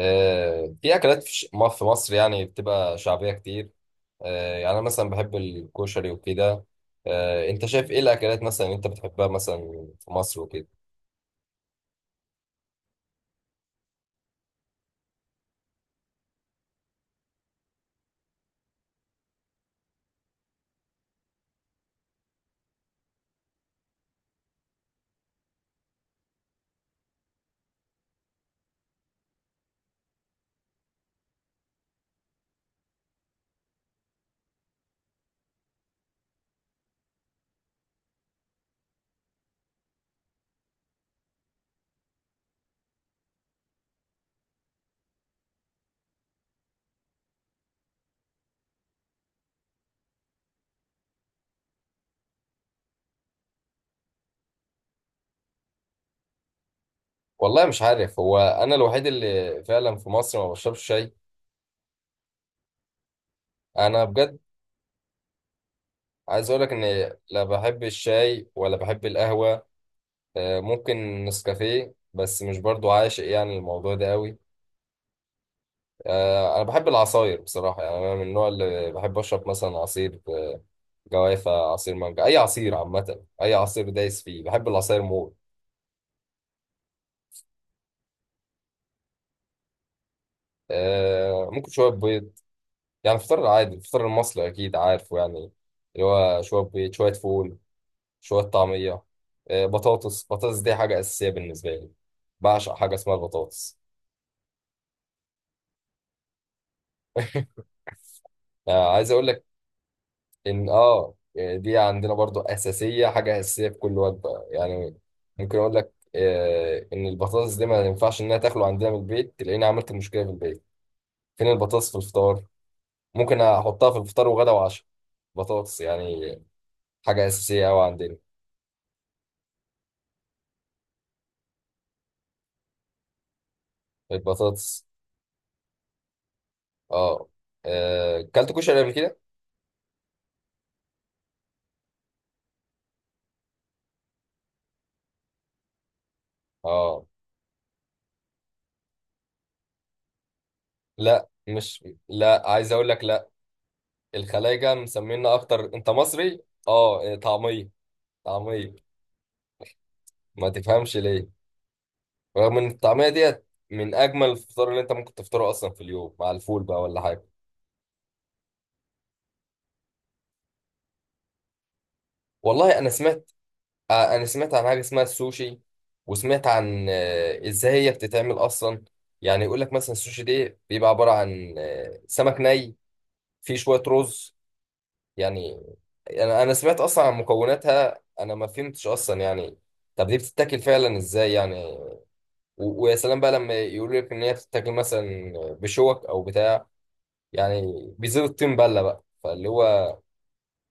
آه، في اكلات في مصر يعني بتبقى شعبيه كتير. آه، يعني انا مثلا بحب الكشري وكده. آه، انت شايف ايه الاكلات مثلا انت بتحبها مثلا في مصر وكده؟ والله مش عارف، هو انا الوحيد اللي فعلا في مصر ما بشربش شاي. انا بجد عايز اقولك ان لا بحب الشاي ولا بحب القهوه. آه، ممكن نسكافيه بس مش برضو عاشق يعني الموضوع ده قوي. آه، انا بحب العصاير بصراحه، يعني انا من النوع اللي بحب اشرب مثلا عصير جوافة، عصير مانجا، أي عصير عامة، أي عصير دايس فيه، بحب العصاير موت. آه ممكن شوية بيض، يعني الفطار العادي الفطار المصري أكيد عارفه يعني، اللي هو شوية بيض شوية فول شوية طعمية. آه بطاطس، دي حاجة أساسية بالنسبة لي. بعشق حاجة اسمها البطاطس. آه عايز أقول لك إن دي عندنا برضو أساسية، حاجة أساسية في كل وجبة يعني. ممكن أقول لك إن البطاطس دي ما ينفعش إنها تاكله عندنا من البيت، تلاقيني عملت مشكلة في البيت، فين البطاطس في الفطار؟ ممكن احطها في الفطار وغدا وعشاء، بطاطس يعني. حاجه اساسيه قوي عندنا البطاطس. اه آه، كلت كشري قبل كده. اه لا، مش لا عايز اقول لك، لا الخلايجه مسمينا اكتر، انت مصري. اه آه، طعميه، طعميه. ما تفهمش ليه، رغم ان الطعميه ديت من اجمل الفطار اللي انت ممكن تفطره اصلا في اليوم مع الفول بقى ولا حاجه. والله انا سمعت، آه، انا سمعت عن حاجه اسمها السوشي، وسمعت عن ازاي هي بتتعمل اصلا. يعني يقول لك مثلا السوشي دي بيبقى عباره عن سمك ني، فيه شويه رز يعني. انا سمعت اصلا عن مكوناتها، انا ما فهمتش اصلا يعني. طب دي بتتاكل فعلا ازاي يعني؟ ويا سلام بقى لما يقول لك ان هي بتتاكل مثلا بشوك او بتاع، يعني بيزيد الطين بله بقى. فاللي هو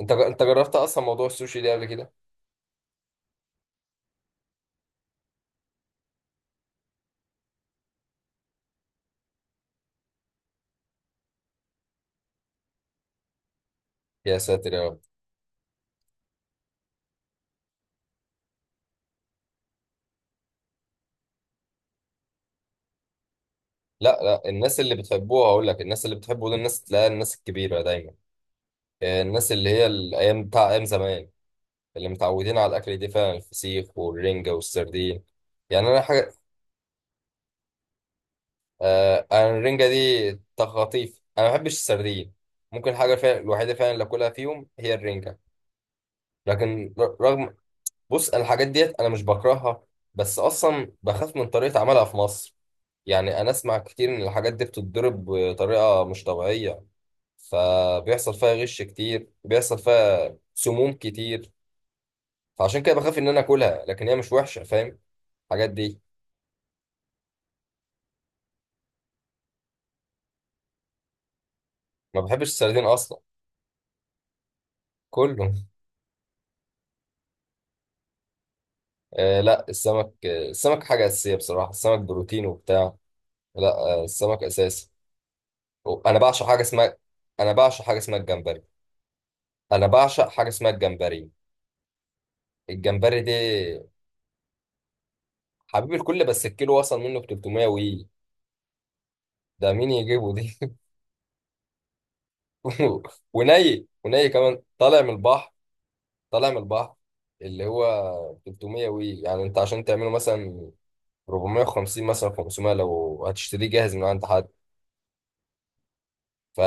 انت جربت اصلا موضوع السوشي ده قبل كده؟ يا ساتر يا رب. لا، الناس اللي بتحبوها هقول لك، الناس اللي بتحبه دول الناس تلاقيها الناس الكبيرة دايما. آه، الناس اللي هي الأيام بتاع أيام زمان، اللي متعودين على الأكل دي فعلا الفسيخ والرنجة والسردين. يعني أنا حاجة، آه، أنا الرنجة دي تخطيف، أنا ما بحبش السردين. ممكن حاجة فعلا الوحيدة فعلا اللي أكلها فيهم هي الرنجة. لكن رغم، بص أنا الحاجات ديت أنا مش بكرهها، بس أصلا بخاف من طريقة عملها في مصر. يعني أنا أسمع كتير إن الحاجات دي بتتضرب بطريقة مش طبيعية، فبيحصل فيها غش كتير، بيحصل فيها سموم كتير. فعشان كده بخاف ان انا اكلها، لكن هي مش وحشه فاهم، الحاجات دي. ما بحبش السردين اصلا. كله. آه لا السمك، آه السمك حاجه اساسيه بصراحه، السمك بروتين وبتاع. لا، آه السمك اساسي. انا بعشق حاجه اسمها انا بعشق حاجه اسمها الجمبري انا بعشق حاجه اسمها الجمبري. الجمبري دي حبيب الكل، بس الكيلو وصل منه ب 300 وي. ده مين يجيبه دي؟ وني وني كمان طالع من البحر، طالع من البحر. اللي هو 300 وي، يعني انت عشان تعمله مثلا 450، مثلا 500 لو هتشتريه جاهز من عند حد. ف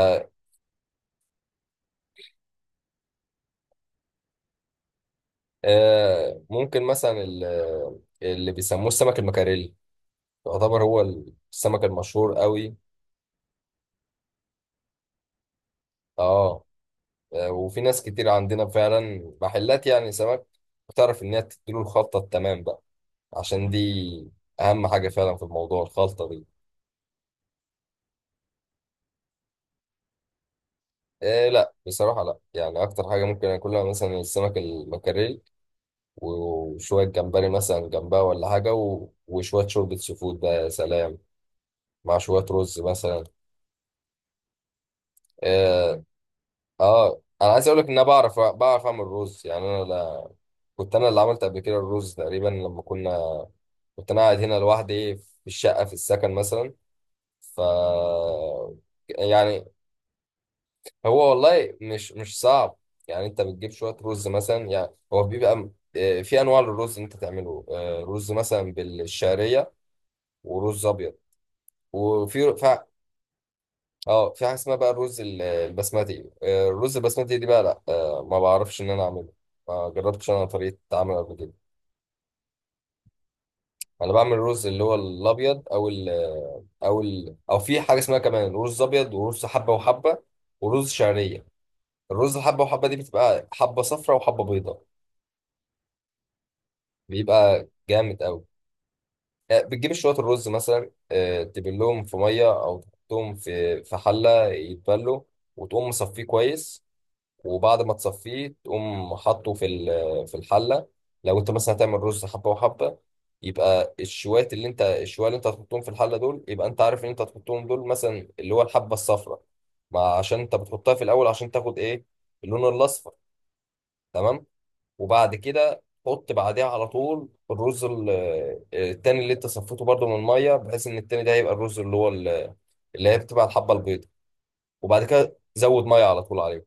آه، ممكن مثلا اللي بيسموه السمك المكاريلي، يعتبر هو السمك المشهور قوي. اه آه، وفي ناس كتير عندنا فعلا محلات يعني سمك بتعرف ان هي تديله الخلطه التمام بقى، عشان دي اهم حاجه فعلا في الموضوع، الخلطه دي. إيه، لا بصراحه، لا يعني اكتر حاجه ممكن اكلها مثلا السمك المكاريلي، وشوية جمبري مثلا جنبها ولا حاجة، وشوية شوربة سي فود بقى، يا سلام، مع شوية رز مثلا. اه، آه، انا عايز اقول لك ان انا بعرف، بعرف اعمل رز يعني. انا لا... كنت انا اللي عملت قبل كده الرز تقريبا لما كنا، كنت انا قاعد هنا لوحدي في الشقة في السكن مثلا. ف يعني هو والله مش صعب، يعني انت بتجيب شوية رز مثلا، يعني هو بيبقى آه، في انواع للرز اللي انت تعمله، آه، رز مثلا بالشعرية ورز ابيض. وفي ف... اه في حاجه اسمها بقى الرز البسمتي. آه، الرز البسمتي دي بقى لا، آه، ما بعرفش ان انا اعمله، ما جربتش انا طريقه عمله قبل كده. انا بعمل الرز اللي هو الابيض او في حاجه اسمها كمان رز ابيض، ورز حبه وحبه، ورز شعريه. الرز حبه وحبه دي بتبقى حبه صفراء وحبه بيضاء، بيبقى جامد قوي. آه، بتجيب شويه الرز مثلا، آه، تبلهم في ميه، او تحطهم في حله يتبلوا، وتقوم مصفيه كويس. وبعد ما تصفيه تقوم حاطه في في الحله. لو انت مثلا هتعمل رز حبه وحبه، يبقى الشوات اللي انت الشوية اللي انت هتحطهم في الحله دول، يبقى انت عارف ان انت هتحطهم دول مثلا اللي هو الحبه الصفراء، ما عشان انت بتحطها في الاول عشان تاخد ايه؟ اللون الاصفر، تمام. وبعد كده حط بعديها على طول الرز التاني اللي انت صفيته برده من الميه، بحيث ان التاني ده يبقى الرز اللي هو اللي هي بتبقى الحبه البيضاء. وبعد كده زود ميه على طول عليه.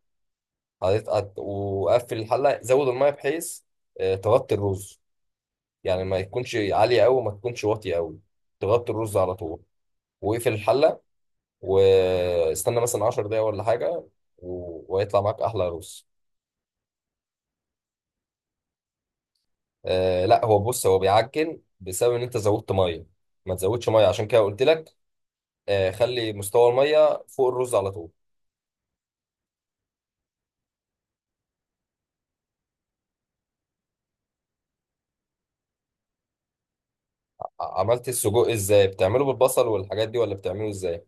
وقفل الحله، زود الميه بحيث آه، تغطي الرز، يعني ما يكونش عاليه قوي، ما تكونش واطيه قوي، تغطي الرز على طول. واقفل الحله، واستنى مثلا 10 دقايق ولا حاجه، وهيطلع معاك احلى رز. آه لا، هو بص، هو بيعجن بسبب ان انت زودت ميه، ما تزودش ميه عشان كده قلت لك. آه، خلي مستوى الميه فوق الرز على طول. عملت السجق ازاي؟ بتعمله بالبصل والحاجات دي ولا بتعمله ازاي؟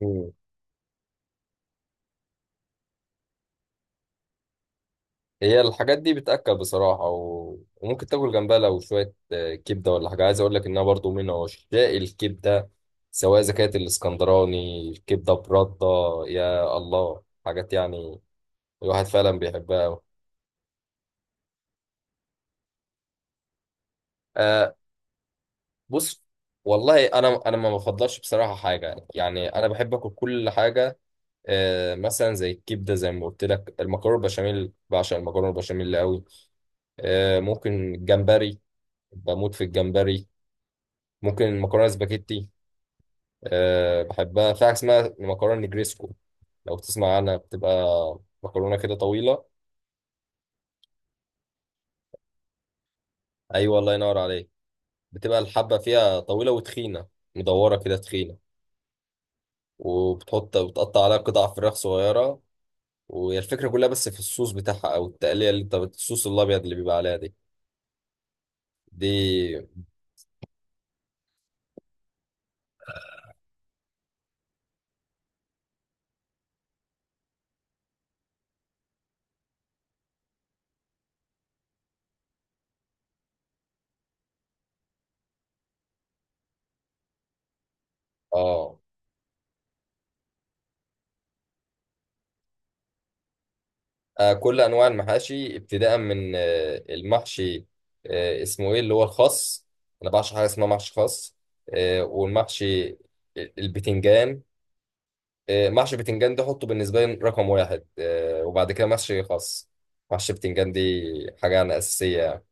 مم. هي الحاجات دي بتأكل بصراحة، وممكن تاكل جنبها لو شوية آه، كبدة ولا حاجة. عايز أقول لك إنها برضو من عشاق الكبدة، سواء إذا كانت الإسكندراني الكبدة برده. يا الله، حاجات يعني الواحد فعلا بيحبها أوي. آه، بص، والله أنا ما بفضلش بصراحة حاجة، يعني أنا بحب آكل كل حاجة. آه، مثلا زي الكبدة زي ما قلت لك، المكرونة البشاميل، بعشق المكرونة البشاميل أوي. آه، ممكن الجمبري، بموت في الجمبري. ممكن المكرونه سباكيتي. أه بحبها في حاجة اسمها مكرونة نجريسكو، لو تسمع عنها، بتبقى مكرونة كده طويلة. أيوة، الله ينور عليك، بتبقى الحبة فيها طويلة وتخينة، مدورة كده تخينة. وبتحط، بتقطع عليها قطع فراخ صغيرة. وهي الفكرة كلها بس في الصوص بتاعها، أو التقلية اللي أنت الصوص الأبيض اللي بيبقى عليها دي، دي. آه، آه كل أنواع المحاشي، ابتداء من آه المحشي، آه اسمه إيه اللي هو الخاص؟ أنا بعشق حاجة اسمها محشي خاص. آه والمحشي البتنجان. آه، محشي بتنجان ده حطه بالنسبة لي رقم واحد. آه، وبعد كده محشي خاص. محشي بتنجان دي حاجة أنا أساسية يعني.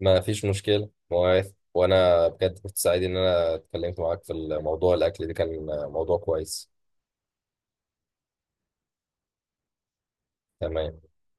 ما فيش مشكلة مواعيد، وأنا بجد كنت سعيد إن أنا اتكلمت معاك في الموضوع الأكل ده، كان موضوع كويس. تمام.